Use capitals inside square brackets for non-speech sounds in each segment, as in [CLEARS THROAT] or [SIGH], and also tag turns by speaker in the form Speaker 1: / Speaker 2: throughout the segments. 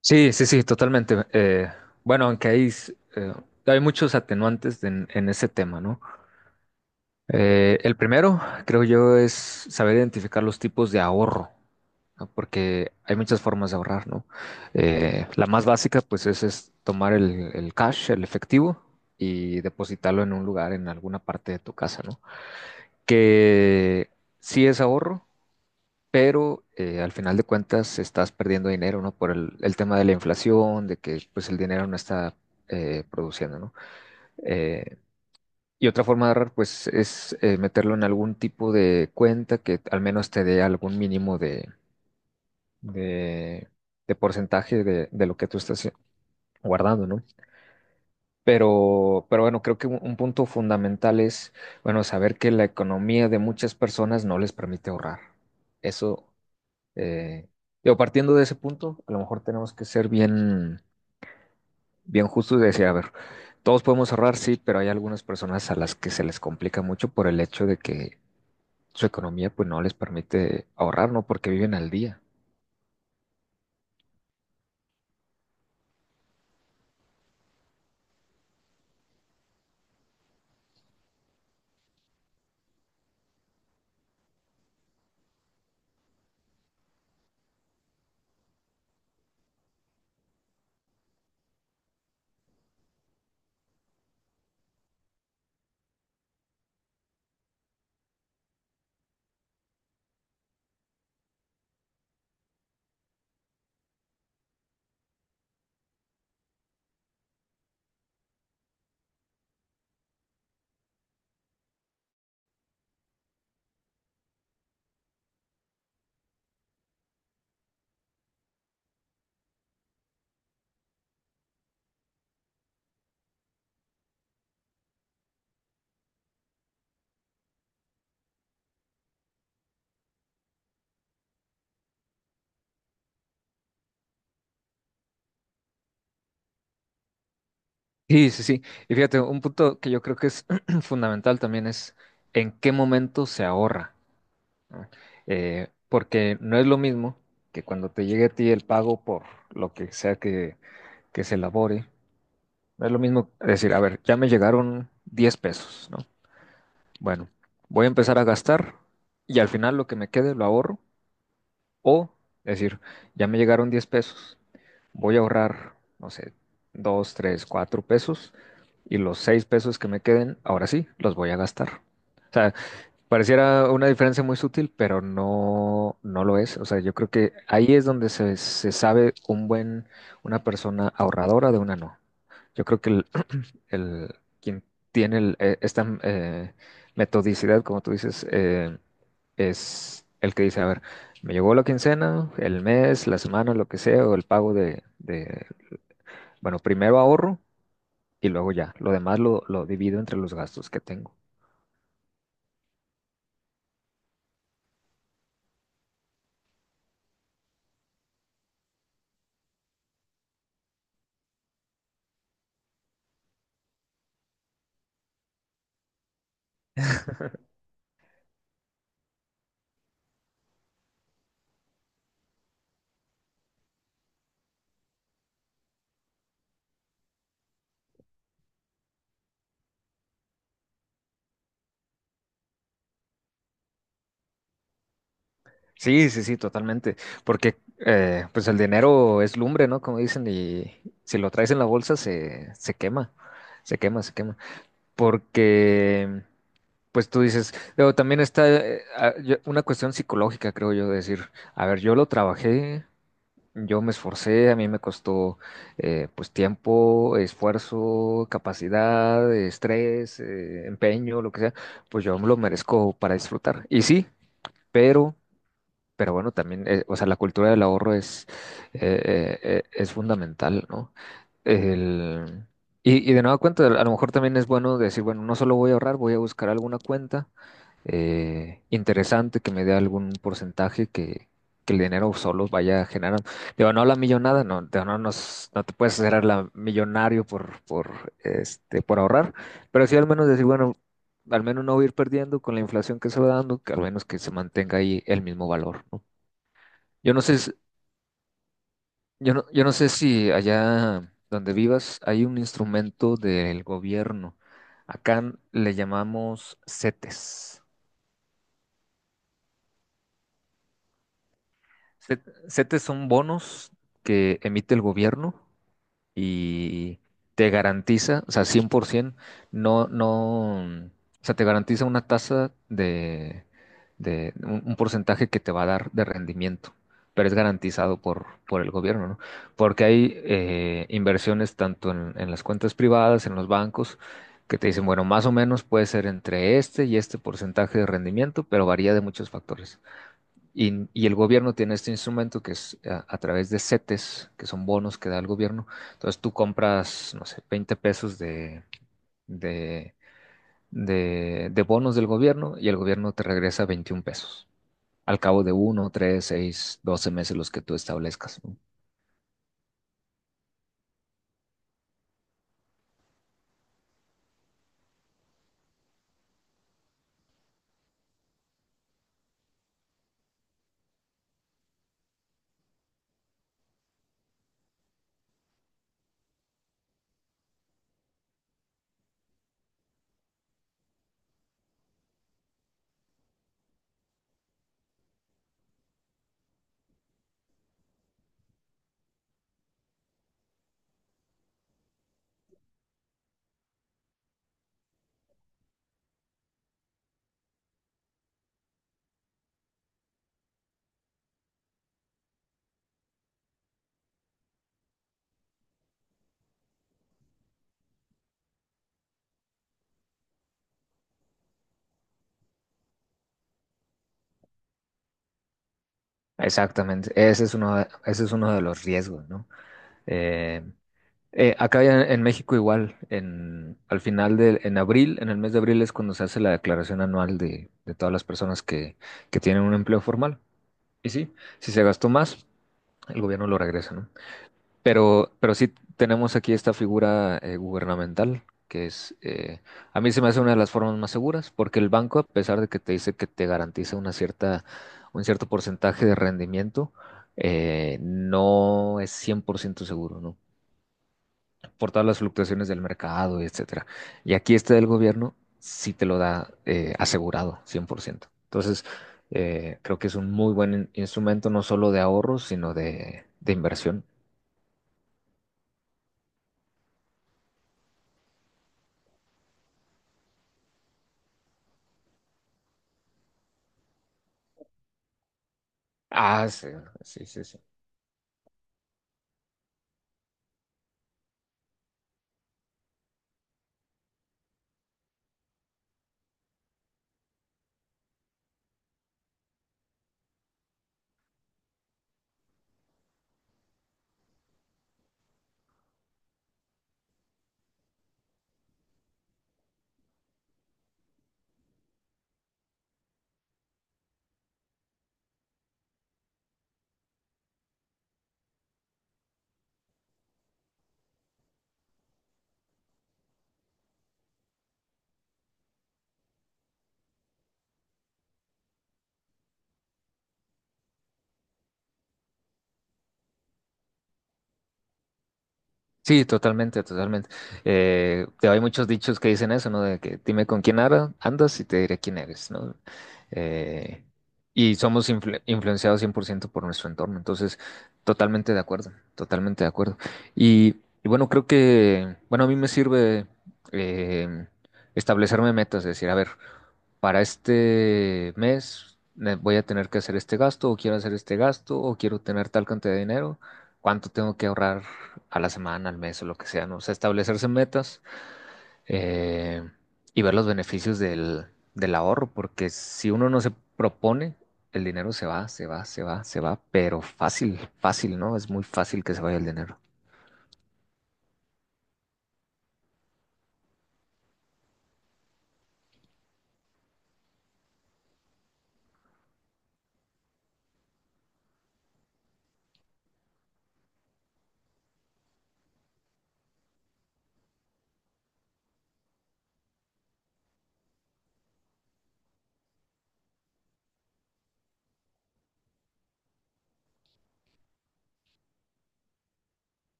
Speaker 1: Sí, sí, sí, totalmente. Bueno, aunque hay muchos atenuantes en ese tema, ¿no? El primero, creo yo, es saber identificar los tipos de ahorro, ¿no? Porque hay muchas formas de ahorrar, ¿no? La más básica, pues, es tomar el cash, el efectivo, y depositarlo en un lugar, en alguna parte de tu casa, ¿no? Que sí es ahorro, pero al final de cuentas estás perdiendo dinero, ¿no? Por el tema de la inflación, de que pues el dinero no está produciendo, ¿no? Eh, y otra forma de ahorrar, pues, es meterlo en algún tipo de cuenta que al menos te dé algún mínimo de, de porcentaje de lo que tú estás guardando, ¿no? Pero bueno, creo que un punto fundamental es, bueno, saber que la economía de muchas personas no les permite ahorrar. Eso. Eh, digo, partiendo de ese punto, a lo mejor tenemos que ser bien, bien justos y decir, a ver, todos podemos ahorrar, sí, pero hay algunas personas a las que se les complica mucho por el hecho de que su economía pues no les permite ahorrar, ¿no? Porque viven al día. Sí, sí, sí. Y fíjate, un punto que yo creo que es [CLEARS THROAT] fundamental también es en qué momento se ahorra, ¿no? Porque no es lo mismo que cuando te llegue a ti el pago por lo que sea que se elabore. No es lo mismo decir, a ver, ya me llegaron 10 pesos, ¿no? Bueno, voy a empezar a gastar y al final lo que me quede lo ahorro. O decir, ya me llegaron 10 pesos, voy a ahorrar, no sé, 2 3 4 pesos y los 6 pesos que me queden, ahora sí, los voy a gastar. O sea, pareciera una diferencia muy sutil, pero no, no lo es. O sea, yo creo que ahí es donde se sabe una persona ahorradora de una no. Yo creo que el, quien tiene esta metodicidad, como tú dices, es el que dice, a ver, me llegó la quincena, el mes, la semana, lo que sea, o el pago bueno, primero ahorro y luego ya, lo demás lo divido entre los gastos que tengo. Sí, sí, sí, totalmente, porque pues el dinero es lumbre, ¿no? Como dicen, y si lo traes en la bolsa se quema, se quema, se quema, porque. Pues tú dices, pero también está una cuestión psicológica, creo yo, de decir, a ver, yo lo trabajé, yo me esforcé, a mí me costó pues tiempo, esfuerzo, capacidad, estrés, empeño, lo que sea, pues yo me lo merezco para disfrutar. Y sí, pero, pero bueno, también, o sea, la cultura del ahorro es fundamental, ¿no? El, y de nueva cuenta, a lo mejor también es bueno decir, bueno, no solo voy a ahorrar, voy a buscar alguna cuenta interesante que me dé algún porcentaje que el dinero solo vaya generando. Digo, no la millonada, no, digo, no, no te puedes hacer la millonario por ahorrar, pero sí al menos decir, bueno, al menos no voy a ir perdiendo con la inflación que se va dando, que al menos que se mantenga ahí el mismo valor, ¿no? Yo no sé, si- yo no sé si allá donde vivas hay un instrumento del gobierno. Acá le llamamos CETES. Set- CETES son bonos que emite el gobierno y te garantiza, o sea, 100%, no, no, o sea, te garantiza una tasa de un porcentaje que te va a dar de rendimiento, pero es garantizado por el gobierno, ¿no? Porque hay inversiones tanto en las cuentas privadas, en los bancos, que te dicen, bueno, más o menos puede ser entre este y este porcentaje de rendimiento, pero varía de muchos factores. Y el gobierno tiene este instrumento que es a través de CETES, que son bonos que da el gobierno. Entonces tú compras, no sé, 20 pesos de, de bonos del gobierno y el gobierno te regresa 21 pesos al cabo de 1, 3, 6, 12 meses los que tú establezcas, ¿no? Exactamente, ese es uno de los riesgos, ¿no? Eh, acá ya en México igual, en, al final de, en abril, en el mes de abril es cuando se hace la declaración anual de todas las personas que tienen un empleo formal. Y sí, si se gastó más, el gobierno lo regresa, ¿no? Pero sí tenemos aquí esta figura gubernamental, a mí se me hace una de las formas más seguras, porque el banco, a pesar de que te dice que te garantiza un cierto porcentaje de rendimiento, no es 100% seguro, ¿no? Por todas las fluctuaciones del mercado, etcétera. Y aquí este del gobierno sí te lo da asegurado, 100%. Entonces, creo que es un muy buen instrumento, no solo de ahorro, sino de inversión. Ah, sí, sí, sí, sí. Sí, totalmente, totalmente. Hay muchos dichos que dicen eso, ¿no? De que dime con quién andas y te diré quién eres, ¿no? Eh, y somos influenciados 100% por ciento por nuestro entorno, entonces totalmente de acuerdo, totalmente de acuerdo. Y, y bueno, creo que, bueno, a mí me sirve eh, establecerme metas, decir, a ver, para este mes me voy a tener que hacer este gasto, o quiero hacer este gasto, o quiero tener tal cantidad de dinero, cuánto tengo que ahorrar a la semana, al mes o lo que sea, ¿no? O sea, establecerse metas eh, y ver los beneficios del ahorro, porque si uno no se propone, el dinero se va, se va, se va, se va, pero fácil, fácil, ¿no? Es muy fácil que se vaya el dinero.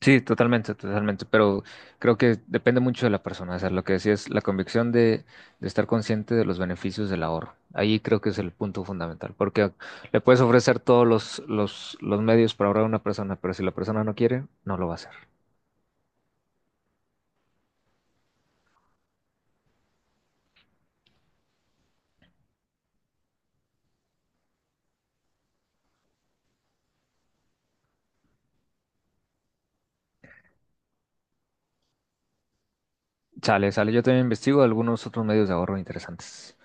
Speaker 1: Sí, totalmente, totalmente, pero creo que depende mucho de la persona, o sea, lo que decía es la convicción de estar consciente de los beneficios del ahorro. Ahí creo que es el punto fundamental, porque le puedes ofrecer todos los medios para ahorrar a una persona, pero si la persona no quiere, no lo va a hacer. Sale, sale, yo también investigo algunos otros medios de ahorro interesantes.